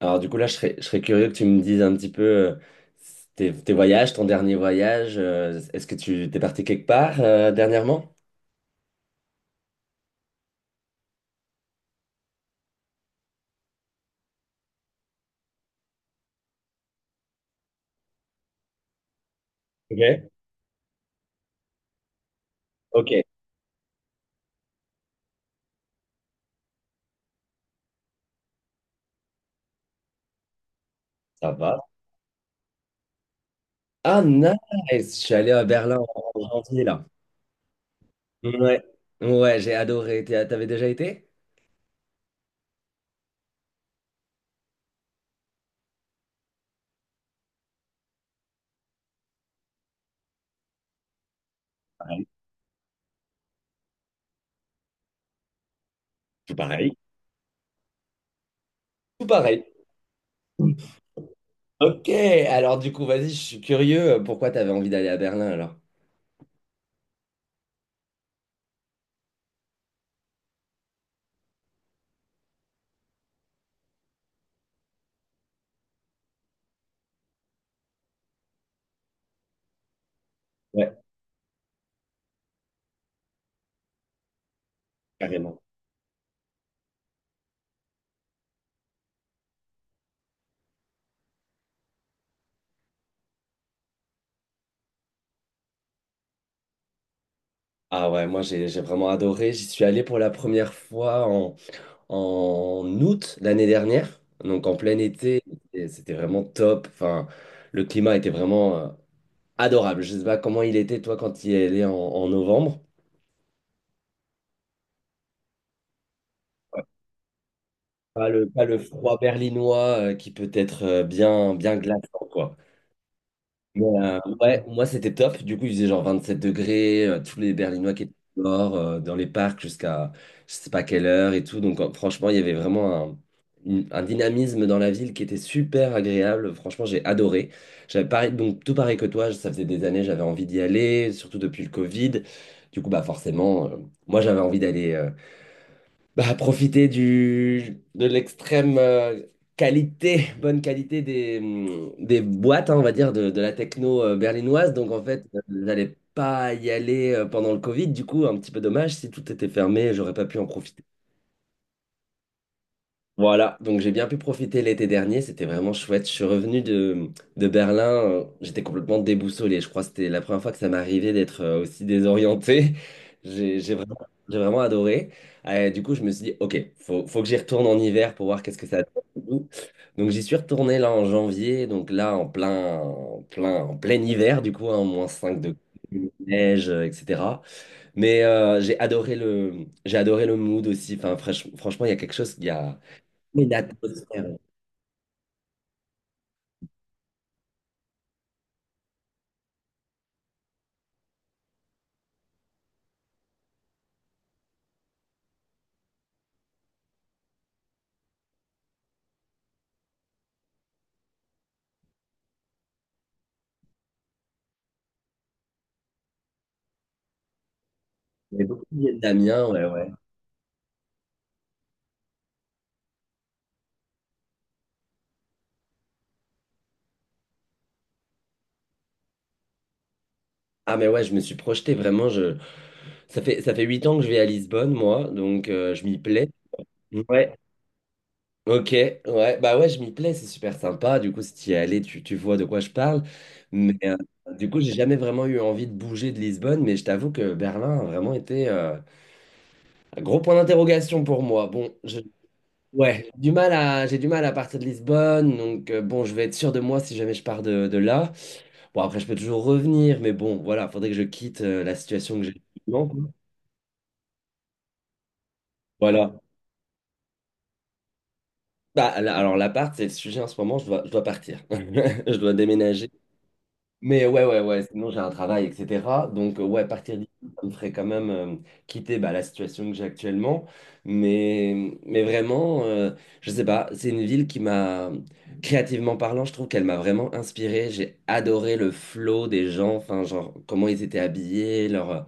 Alors du coup là, je serais curieux que tu me dises un petit peu tes voyages, ton dernier voyage. Est-ce que tu t'es parti quelque part dernièrement? Ok, ok, ça va. Ah nice, je suis allé à Berlin en janvier là. Ouais, ouais, j'ai adoré. T'avais déjà été? Pareil. Tout pareil. Tout pareil. Ok, alors du coup, vas-y, je suis curieux. Pourquoi t'avais envie d'aller à Berlin alors? Ouais, carrément. Ah ouais, moi j'ai vraiment adoré. J'y suis allé pour la première fois en août l'année dernière, donc en plein été, et c'était vraiment top. Enfin, le climat était vraiment adorable. Je sais pas comment il était, toi, quand il est allé en novembre. Pas le froid berlinois qui peut être bien, bien glaçant, quoi. Mais, ouais, moi c'était top. Du coup, il faisait genre 27 degrés, tous les Berlinois qui étaient dehors, dans les parcs jusqu'à je sais pas quelle heure et tout. Donc franchement, il y avait vraiment un dynamisme dans la ville qui était super agréable. Franchement, j'ai adoré. J'avais pareil, donc tout pareil que toi, ça faisait des années, j'avais envie d'y aller, surtout depuis le Covid. Du coup, bah forcément, moi j'avais envie d'aller. Bah, profiter de l'extrême qualité, bonne qualité des boîtes, hein, on va dire, de la techno berlinoise. Donc, en fait, j'allais pas y aller pendant le Covid. Du coup, un petit peu dommage. Si tout était fermé, j'aurais pas pu en profiter. Voilà, donc j'ai bien pu profiter l'été dernier, c'était vraiment chouette. Je suis revenu de Berlin, j'étais complètement déboussolé. Je crois que c'était la première fois que ça m'arrivait d'être aussi désorienté. J'ai j'ai vraiment, j'ai vraiment adoré. Du coup, je me suis dit, ok, faut que j'y retourne en hiver pour voir qu'est-ce que ça donne. Donc j'y suis retourné là en janvier, donc là en plein hiver, du coup, hein, -5 degrés, neige, etc. Mais j'ai adoré j'ai adoré le mood aussi. Enfin, franchement, il y a quelque chose, il y a. Mais l'atmosphère, ouais. Il y avait beaucoup de Vietnamiens, ouais, ouais. Ah, mais ouais, je me suis projeté vraiment. Je... Ça fait 8 ans que je vais à Lisbonne, moi, donc je m'y plais. Ouais, ok, ouais, bah ouais, je m'y plais, c'est super sympa. Du coup, si tu y es allé, tu vois de quoi je parle. Mais du coup, j'ai jamais vraiment eu envie de bouger de Lisbonne, mais je t'avoue que Berlin a vraiment été un gros point d'interrogation pour moi. Bon, je, ouais, j'ai du mal à partir de Lisbonne, donc bon, je vais être sûr de moi si jamais je pars de là. Bon, après, je peux toujours revenir, mais bon, voilà, faudrait que je quitte la situation que j'ai actuellement, quoi. Voilà. Bah, là, alors, l'appart, c'est le sujet en ce moment, je dois partir. Je dois déménager. Mais ouais, ouais, ouais, sinon j'ai un travail, etc. Donc, ouais, partir d'ici, ça me ferait quand même quitter bah, la situation que j'ai actuellement. Mais vraiment, je sais pas, c'est une ville qui m'a, créativement parlant, je trouve qu'elle m'a vraiment inspiré. J'ai adoré le flow des gens, enfin, genre, comment ils étaient habillés,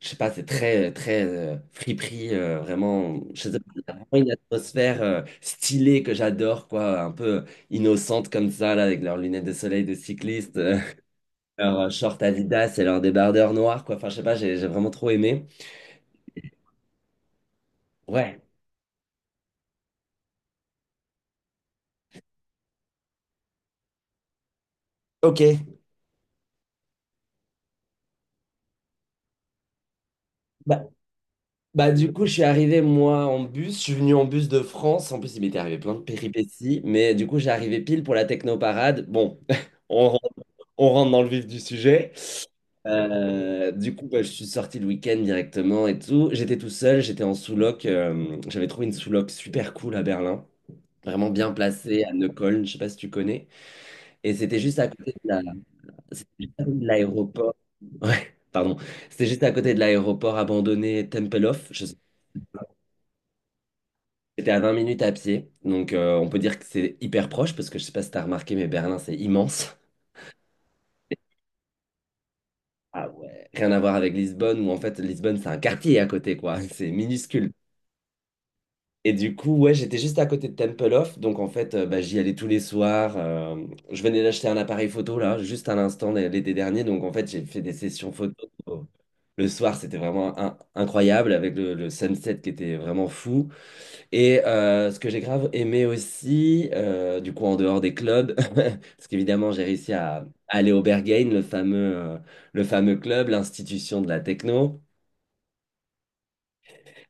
je sais pas, c'est très friperie, vraiment, je sais pas, il y a vraiment une atmosphère stylée que j'adore, quoi, un peu innocente comme ça, là, avec leurs lunettes de soleil de cycliste. Leur short Adidas et leur débardeur noir, quoi. Enfin, je sais pas, j'ai vraiment trop aimé. Ouais. Ok. Bah, bah, du coup, je suis arrivé, moi, en bus. Je suis venu en bus de France. En plus, il m'était arrivé plein de péripéties. Mais du coup, j'ai arrivé pile pour la technoparade. Bon, on rentre, on rentre dans le vif du sujet. Du coup, bah, je suis sorti le week-end directement et tout. J'étais tout seul, j'étais en sous-loc. J'avais trouvé une sous-loc super cool à Berlin. Vraiment bien placée à Neukölln, je sais pas si tu connais. Et c'était juste à côté de la, C'était juste à côté de l'aéroport. Ouais, pardon. C'était juste à côté de l'aéroport abandonné Tempelhof. C'était à 20 minutes à pied. Donc, on peut dire que c'est hyper proche parce que je sais pas si t'as remarqué, mais Berlin, c'est immense. Ah ouais. Rien à voir avec Lisbonne où en fait, Lisbonne, c'est un quartier à côté, quoi. C'est minuscule. Et du coup, ouais, j'étais juste à côté de Temple Off, donc en fait, bah, j'y allais tous les soirs. Je venais d'acheter un appareil photo là, juste à l'instant l'été dernier, donc en fait, j'ai fait des sessions photo. Le soir, c'était vraiment incroyable avec le sunset qui était vraiment fou. Et ce que j'ai grave aimé aussi, du coup, en dehors des clubs, parce qu'évidemment, j'ai réussi à aller au Berghain, le fameux club, l'institution de la techno.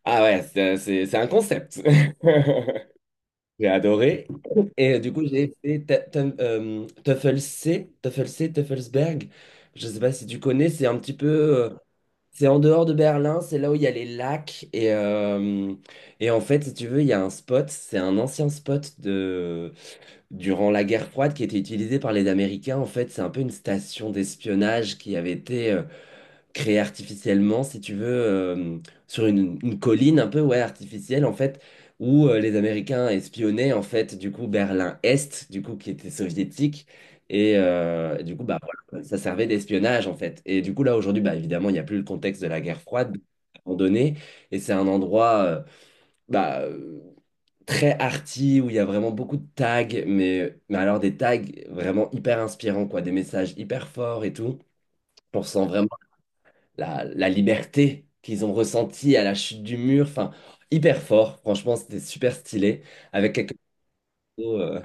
Ah ouais, c'est un concept. J'ai adoré. Et du coup, j'ai fait Tuffelsberg. Je ne sais pas si tu connais, c'est un petit peu. C'est en dehors de Berlin, c'est là où il y a les lacs. Et en fait, si tu veux, il y a un spot, c'est un ancien spot durant la guerre froide qui était utilisé par les Américains. En fait, c'est un peu une station d'espionnage qui avait été créé artificiellement, si tu veux, sur une colline un peu ouais, artificielle, en fait, où les Américains espionnaient, en fait, du coup, Berlin-Est, du coup, qui était soviétique. Et du coup, bah, voilà, ça servait d'espionnage, en fait. Et du coup, là, aujourd'hui, bah, évidemment, il n'y a plus le contexte de la guerre froide, donc c'est abandonné. Et c'est un endroit bah, euh, très arty, où il y a vraiment beaucoup de tags, mais alors des tags vraiment hyper inspirants, quoi, des messages hyper forts et tout. On ressent vraiment la liberté qu'ils ont ressentie à la chute du mur. Enfin, hyper fort. Franchement, c'était super stylé. Avec quelques photos,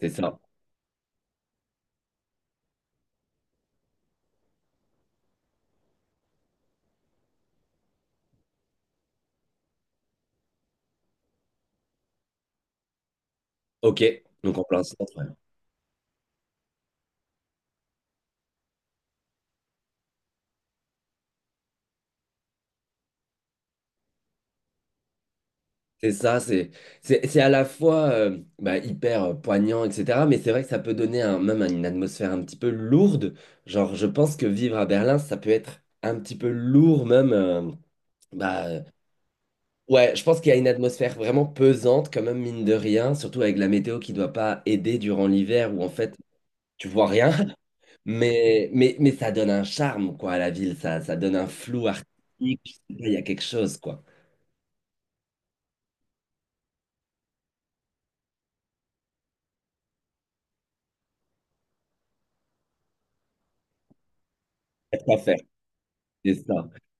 c'est ça. Ok. Donc en plein centre. Ouais. C'est ça, c'est à la fois bah, hyper poignant, etc. Mais c'est vrai que ça peut donner même une atmosphère un petit peu lourde. Genre, je pense que vivre à Berlin, ça peut être un petit peu lourd même. Bah, euh, ouais, je pense qu'il y a une atmosphère vraiment pesante, quand même, mine de rien, surtout avec la météo qui doit pas aider durant l'hiver, où en fait, tu vois rien, mais ça donne un charme, quoi, à la ville, ça donne un flou artistique, je sais pas, il y a quelque chose, quoi. Y a quoi faire, c'est ça.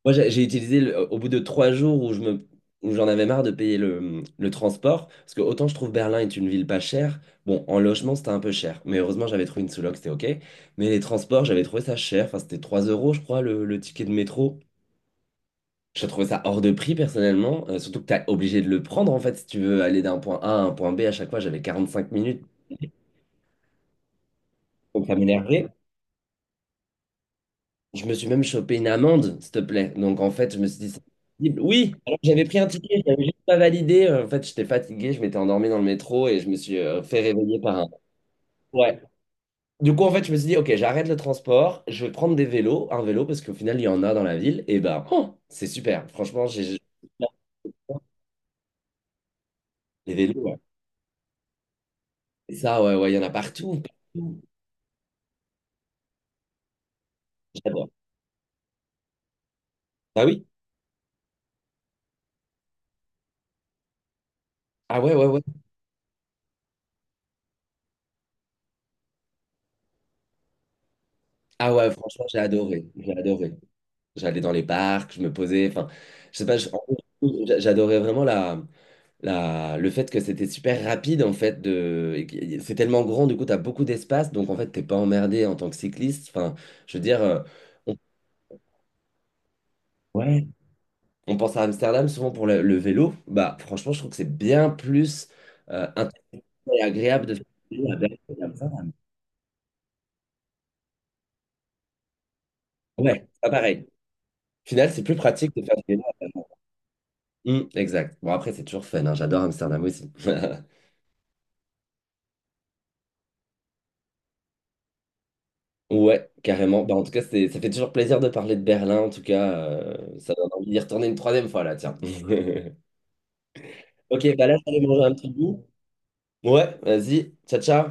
Moi, j'ai utilisé, au bout de 3 jours où où j'en avais marre de payer le transport, parce que autant je trouve Berlin est une ville pas chère, bon, en logement, c'était un peu cher, mais heureusement, j'avais trouvé une sous-loc, c'était OK, mais les transports, j'avais trouvé ça cher, enfin, c'était 3 euros, je crois, le ticket de métro. J'ai trouvé ça hors de prix personnellement, surtout que tu es obligé de le prendre en fait si tu veux aller d'un point A à un point B à chaque fois, j'avais 45 minutes. Donc ça m'énervait. Je me suis même chopé une amende, s'il te plaît. Donc en fait, je me suis dit, c'est possible. Oui, alors que j'avais pris un ticket, je n'avais juste pas validé. En fait, j'étais fatigué, je m'étais endormi dans le métro et je me suis fait réveiller par un. Ouais. Du coup, en fait, je me suis dit, ok, j'arrête le transport, je vais prendre des vélos, un vélo, parce qu'au final, il y en a dans la ville. Et ben, oh, c'est super. Franchement, les vélos. Ouais. Et ça, ouais, ouais, il y en a partout. Partout. J'adore. Ah oui? Ah ouais, ouais, ouais. Ah ouais, franchement, j'ai adoré. J'ai adoré. J'allais dans les parcs, je me posais. Enfin, je sais pas, en gros, j'adorais vraiment le fait que c'était super rapide en fait. Et c'est tellement grand, du coup, tu as beaucoup d'espace. Donc en fait, t'es pas emmerdé en tant que cycliste. Enfin, je veux dire, on, ouais, on pense à Amsterdam souvent pour le vélo. Bah, franchement, je trouve que c'est bien plus intéressant et agréable de faire du vélo à Berlin qu'Amsterdam. Ouais, c'est pas pareil. Au final, c'est plus pratique de faire du vélo à Berlin. Exact. Bon, après, c'est toujours fun, hein. J'adore Amsterdam aussi. Ouais, carrément. Bah, en tout cas, ça fait toujours plaisir de parler de Berlin. En tout cas, ça donne envie d'y retourner une troisième fois là, tiens. Ok, bah là, je vais aller manger un petit bout. Ouais, vas-y. Ciao, ciao.